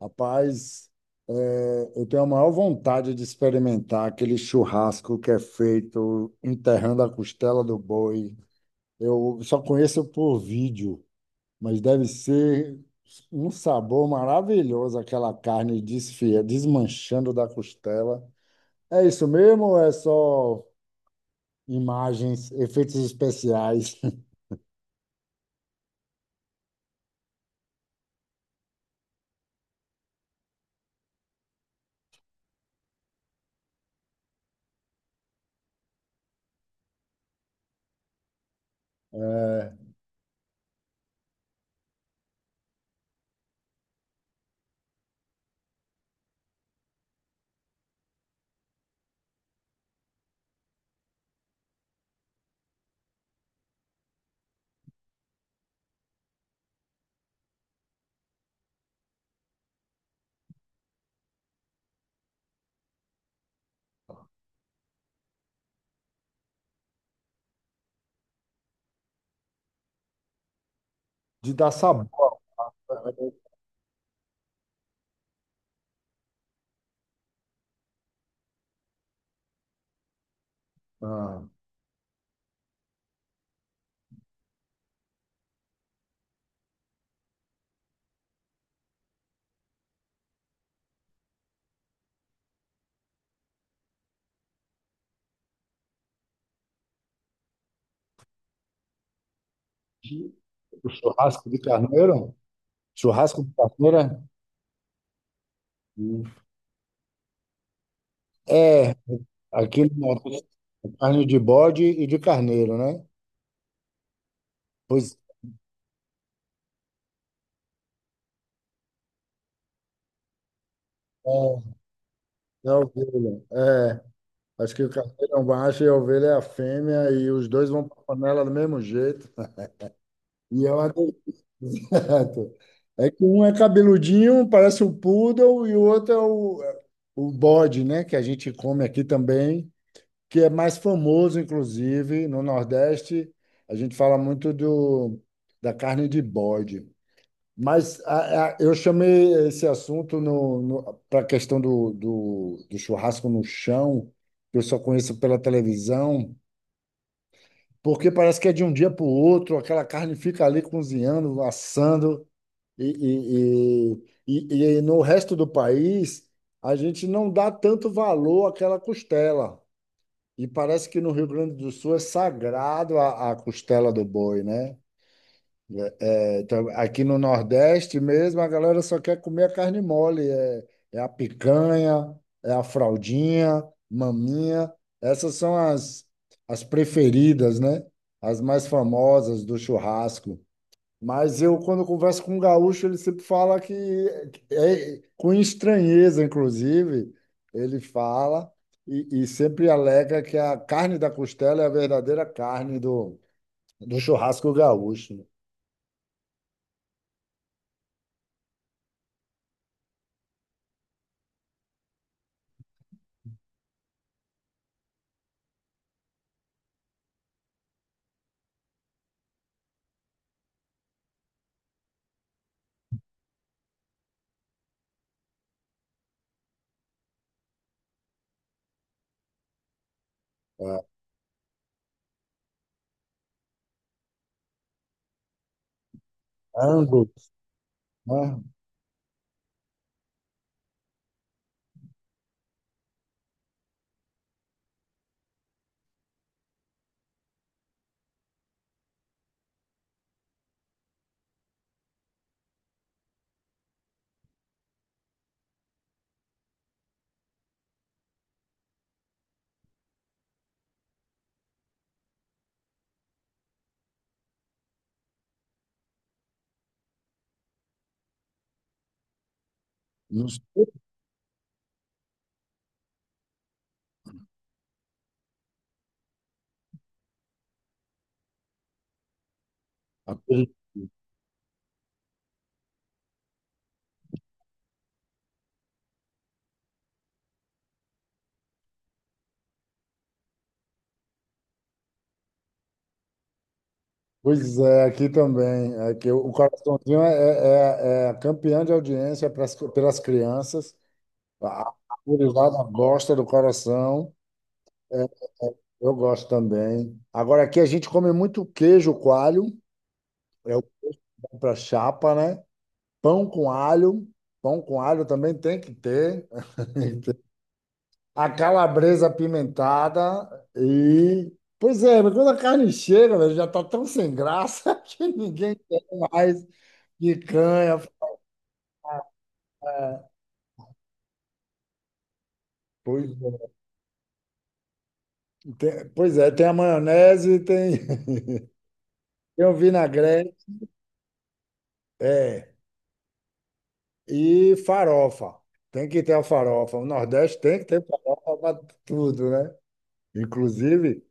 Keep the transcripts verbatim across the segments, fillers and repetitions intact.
Rapaz, é, eu tenho a maior vontade de experimentar aquele churrasco que é feito enterrando a costela do boi. Eu só conheço por vídeo, mas deve ser um sabor maravilhoso aquela carne desfia, desmanchando da costela. É isso mesmo ou é só imagens, efeitos especiais? É, de dar sabor. Ah, o churrasco de carneiro? Churrasco de carneiro? É, aquele negócio de carne de bode e de carneiro, né? Pois é, é a ovelha. É, acho que o carneiro é um macho e a ovelha é a fêmea, e os dois vão para a panela do mesmo jeito. E é uma delícia. É que um é cabeludinho, parece um poodle, e o outro é o, o bode, né? Que a gente come aqui também, que é mais famoso, inclusive, no Nordeste. A gente fala muito do, da carne de bode. Mas a- a- eu chamei esse assunto para a questão do, do, do churrasco no chão, que eu só conheço pela televisão, porque parece que é de um dia para o outro, aquela carne fica ali cozinhando, assando, e, e, e, e, e no resto do país a gente não dá tanto valor àquela costela. E parece que no Rio Grande do Sul é sagrado a, a costela do boi, né? Então, aqui no Nordeste mesmo, a galera só quer comer a carne mole. É, é a picanha, é a fraldinha, maminha. Essas são as, as preferidas, né? As mais famosas do churrasco. Mas eu, quando converso com um gaúcho, ele sempre fala que, é, com estranheza, inclusive, ele fala e, e sempre alega que a carne da costela é a verdadeira carne do, do churrasco gaúcho, né? É, angus, né? Nos- a Pois é, aqui também. É que o Coraçãozinho é, é, é é campeão de audiência pras- pelas crianças. A a gurizada gosta do coração. É, eu gosto também. Agora, aqui a gente come muito queijo coalho, é o pão para chapa, né? Pão com alho. Pão com alho também tem que ter. A calabresa apimentada e. Pois é, mas quando a carne chega, velho, já tá tão sem graça que ninguém quer mais picanha. Pois é, tem, pois é, tem a maionese, tem, tem o vinagrete, é, e farofa. Tem que ter a farofa. O Nordeste tem que ter farofa para tudo, né? Inclusive,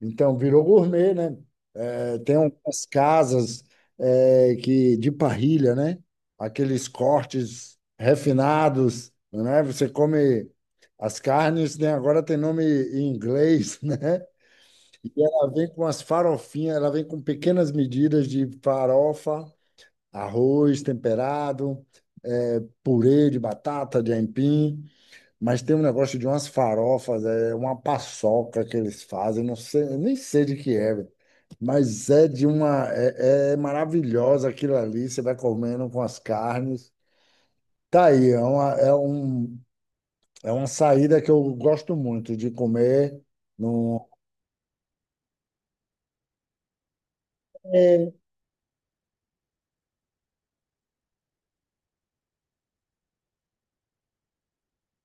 Então, virou gourmet, né? É, tem umas casas é, que de parrilha, né? Aqueles cortes refinados, né? Você come as carnes, né? Agora tem nome em inglês, né? E ela vem com as farofinhas, ela vem com pequenas medidas de farofa, arroz temperado, purê de batata, de aipim. Mas tem um negócio de umas farofas, é uma paçoca que eles fazem, não sei, eu nem sei de que é. Mas é de uma. É, é maravilhosa aquilo ali, você vai comendo com as carnes. Tá aí, é uma, é um, é uma saída que eu gosto muito de comer. No, É,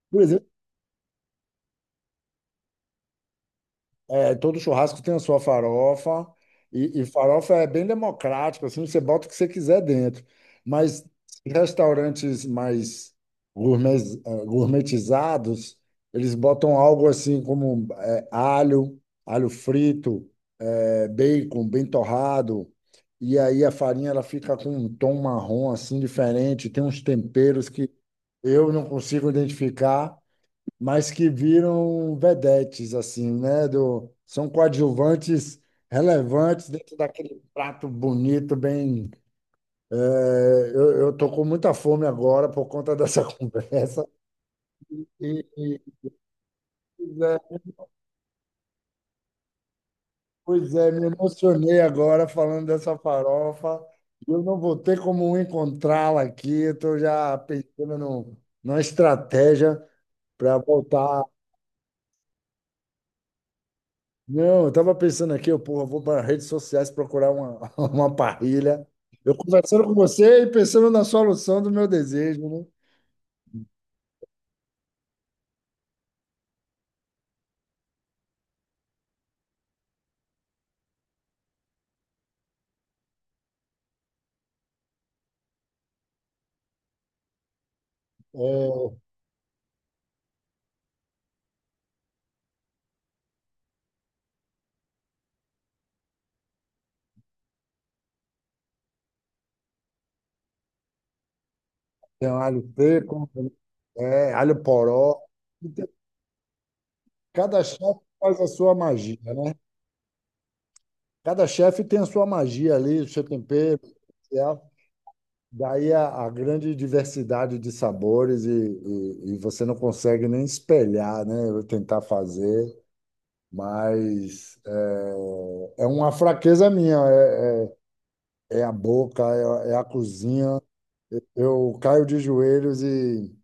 por exemplo, É, todo churrasco tem a sua farofa, e, e farofa é bem democrático, assim, você bota o que você quiser dentro. Mas restaurantes mais gourmet- eh, gourmetizados, eles botam algo assim como eh, alho, alho frito, eh, bacon bem torrado, e aí a farinha ela fica com um tom marrom assim diferente, tem uns temperos que eu não consigo identificar, mas que viram vedetes, assim, né? Do, são coadjuvantes relevantes dentro daquele prato bonito, bem. eh, eu, eu tô com muita fome agora por conta dessa conversa. E, e, pois é, pois é, me emocionei agora falando dessa farofa. Eu não vou ter como encontrá-la aqui. Eu Estou já pensando no, numa estratégia para voltar. Não, eu tava pensando aqui, eu, porra, vou para redes sociais procurar uma, uma parrilha. Eu conversando com você e pensando na solução do meu desejo, né? É, tem alho seco, é, alho poró. E tem- Cada chefe faz a sua magia, né? Cada chefe tem a sua magia ali, o seu tempero especial. Daí a, a grande diversidade de sabores, e, e, e você não consegue nem espelhar, né? Eu tentar fazer. Mas é, é uma fraqueza minha, é, é, é a boca, é, é a cozinha. Eu caio de joelhos e,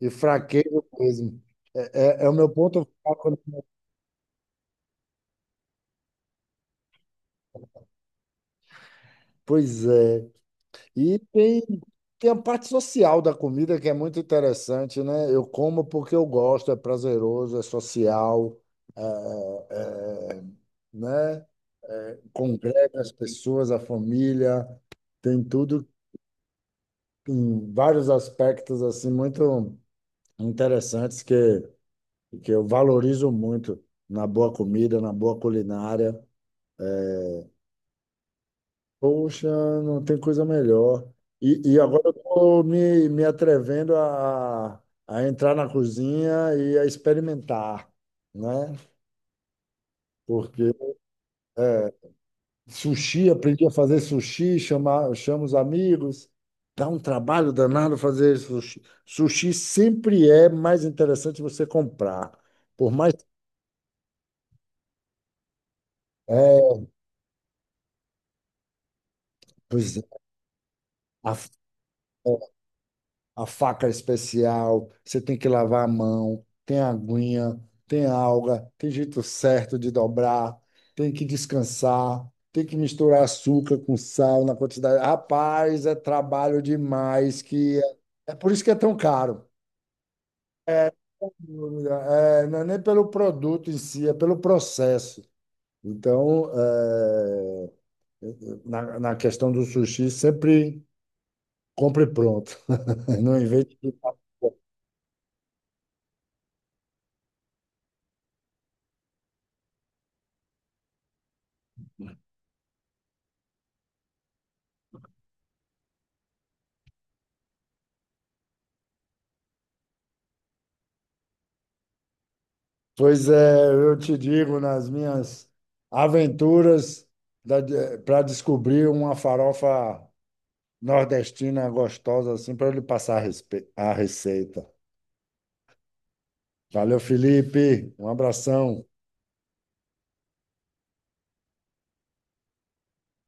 e fraquejo mesmo. É, é, é o meu ponto fraco, né? Pois é. E tem, tem a parte social da comida que é muito interessante, né? Eu como porque eu gosto, é prazeroso, é social, é, é, né? Congrega as pessoas, a família, tem tudo em vários aspectos assim muito interessantes que, que eu valorizo muito na boa comida, na boa culinária. É, Poxa, não tem coisa melhor. E, e agora eu estou me, me atrevendo a, a entrar na cozinha e a experimentar, né? Porque é, Sushi, aprendi a fazer sushi, chamar, chamo os amigos. Dá um trabalho danado fazer sushi. Sushi sempre é mais interessante você comprar. Por mais. É, pois é, a, a faca especial, você tem que lavar a mão, tem aguinha, tem alga, tem jeito certo de dobrar, tem que descansar, tem que misturar açúcar com sal na quantidade. Rapaz, é trabalho demais, que é é por isso que é tão caro. Dúvida. É, não é nem pelo produto em si, é pelo processo. Então, é, na, na questão do sushi, sempre compre pronto. Não invente. Pois é, eu te digo, nas minhas aventuras para descobrir uma farofa nordestina gostosa, assim, para ele passar a respe- a receita. Valeu, Felipe. Um abração.